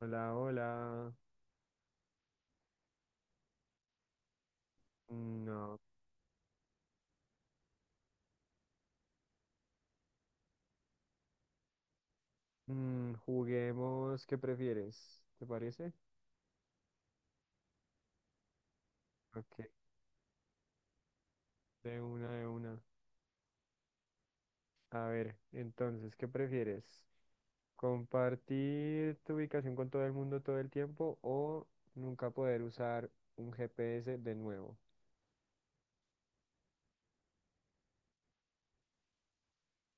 Hola, hola. No. Mm, juguemos, ¿qué prefieres? ¿Te parece? Ok, de una, de una. A ver, entonces, ¿qué prefieres? ¿Compartir tu ubicación con todo el mundo todo el tiempo o nunca poder usar un GPS de nuevo?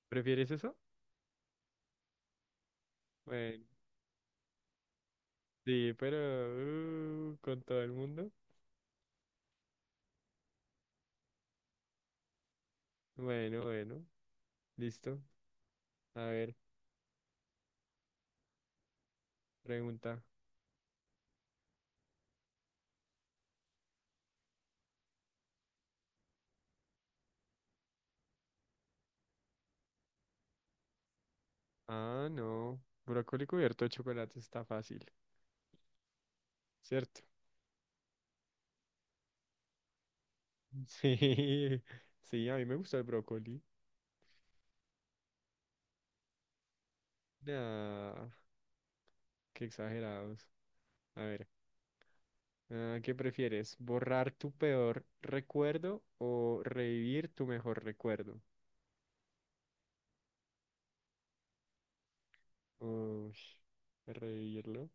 ¿Prefieres eso? Bueno, sí, pero con todo el mundo. Bueno, bueno, listo. A ver, pregunta. Ah, no. Brócoli cubierto de chocolate está fácil, ¿cierto? Sí, sí, a mí me gusta el brócoli. Nah, qué exagerados. A ver, ah, ¿qué prefieres? ¿Borrar tu peor recuerdo o revivir tu mejor recuerdo? Uy, revivirlo.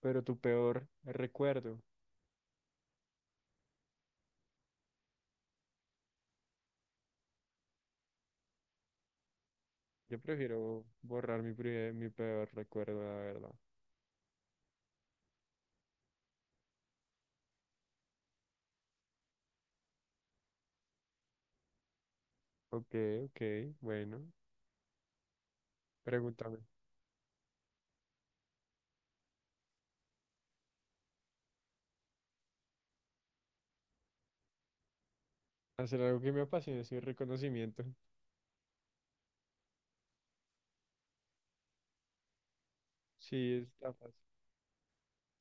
Pero tu peor recuerdo. Yo prefiero borrar mi peor recuerdo, la verdad. Ok, ok, bueno. Pregúntame. Hacer algo que me apasione sin reconocimiento. Sí, está fácil.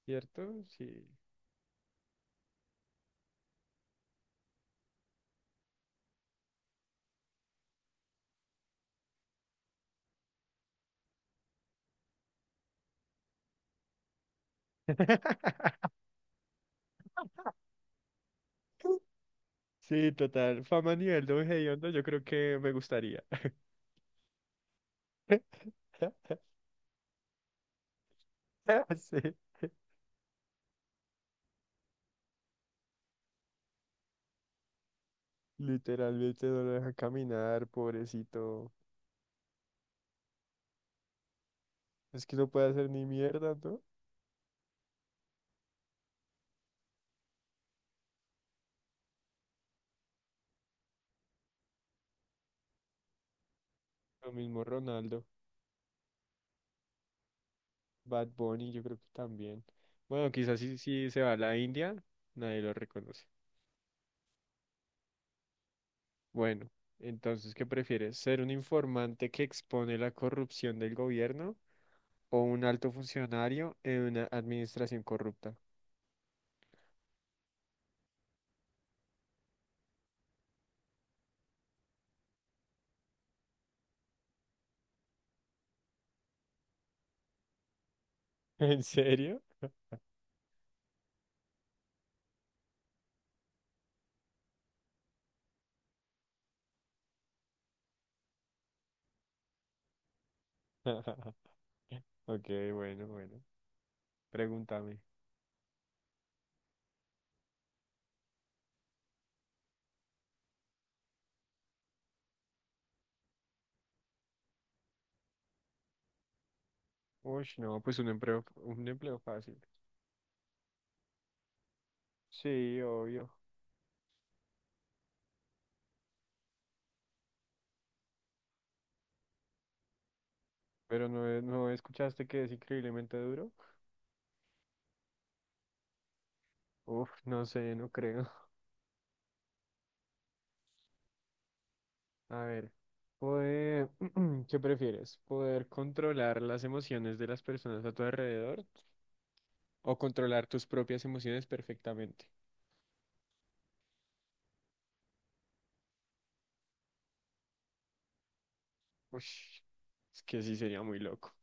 ¿Cierto? Sí. Sí, total. Fama a nivel don Hediondo, yo creo que me gustaría. Sí, literalmente no lo dejan caminar, pobrecito. Es que no puede hacer ni mierda, ¿no? Lo mismo Ronaldo, Bad Bunny, yo creo que también. Bueno, quizás si se va a la India, nadie lo reconoce. Bueno, entonces, ¿qué prefieres? ¿Ser un informante que expone la corrupción del gobierno o un alto funcionario en una administración corrupta? ¿En serio? Ok, bueno, bueno. Pregúntame. Uy, no, pues un empleo fácil. Sí, obvio. Pero no, no escuchaste que es increíblemente duro. Uf, no sé, no creo. A ver, poder, ¿qué prefieres? ¿Poder controlar las emociones de las personas a tu alrededor o controlar tus propias emociones perfectamente? Uy, es que sí sería muy loco.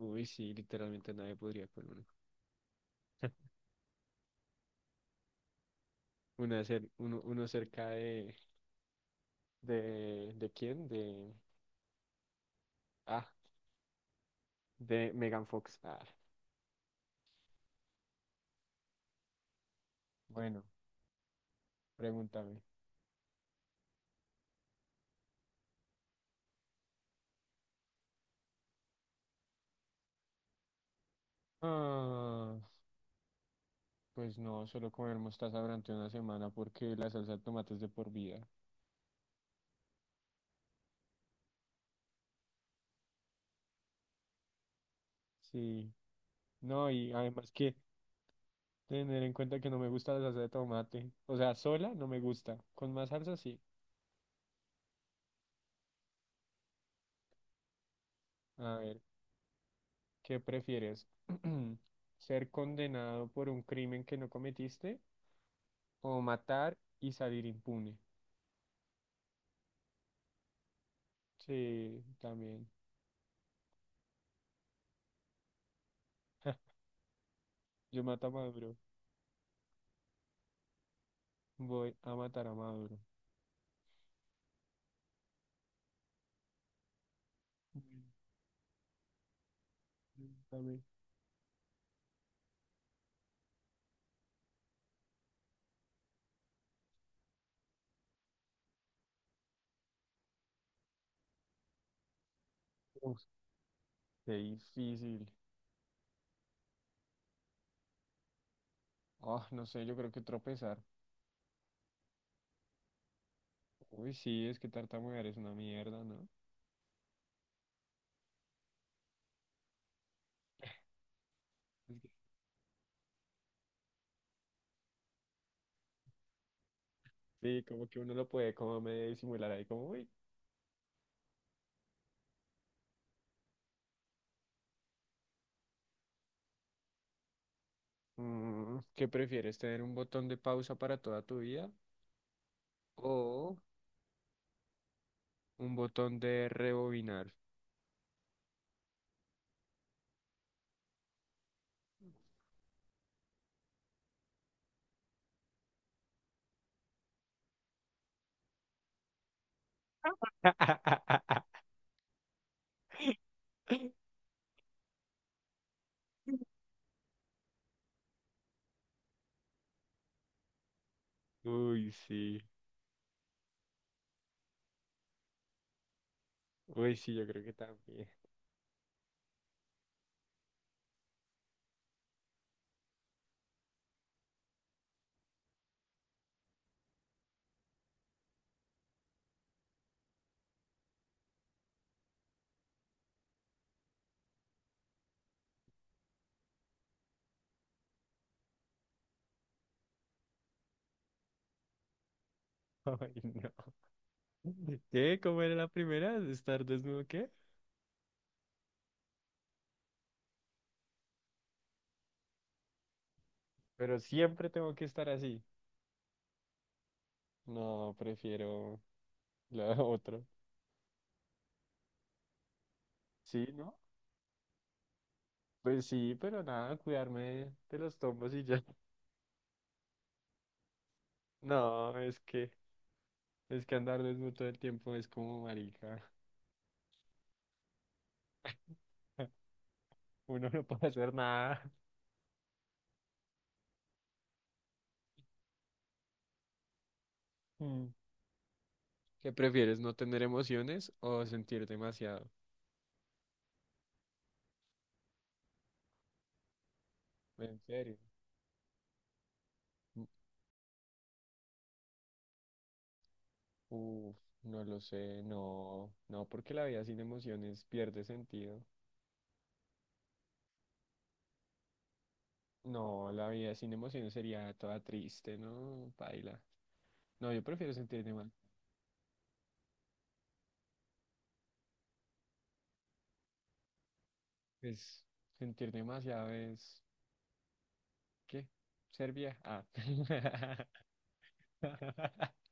Uy, sí, literalmente nadie podría con uno. Uno cerca de, ¿de quién? De, ah, de Megan Fox. Ah. Bueno, pregúntame. Ah, pues no, solo comer mostaza durante una semana porque la salsa de tomate es de por vida. Sí, no, y además que tener en cuenta que no me gusta la salsa de tomate. O sea, sola no me gusta. Con más salsa sí. A ver, ¿qué prefieres? ¿Ser condenado por un crimen que no cometiste o matar y salir impune? Sí, también. Yo mato a Maduro. Voy a matar a Maduro. Mm, mm, también. Qué difícil. Ah, no sé, yo creo que tropezar. Uy, sí, es que tartamudear es una mierda, ¿no? Es que- Sí, como que uno lo puede como medio disimular ahí, como, uy. Mm, ¿qué prefieres, tener un botón de pausa para toda tu vida o un botón de rebobinar? Uy, sí. Uy, sí, yo creo que también. Ay, no. ¿Qué? ¿Cómo era la primera? ¿Estar desnudo qué? Pero siempre tengo que estar así. No, prefiero la otra. Sí, ¿no? Pues sí, pero nada, cuidarme de los tombos y ya. No, es que andar desnudo todo el tiempo es como marica. Uno no puede hacer nada. Mm. ¿Qué prefieres, no tener emociones o sentir demasiado? En serio. Mm, uf, no lo sé, no, no, porque la vida sin emociones pierde sentido. No, la vida sin emociones sería toda triste, ¿no? Paila. No, yo prefiero sentir demasiado. Pues sentir demasiado es ¿qué? ¿Serbia? Ah.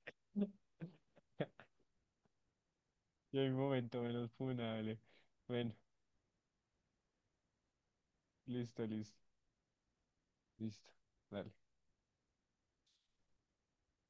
Yo hay un momento menos funable. Bueno, listo, listo, listo. Dale.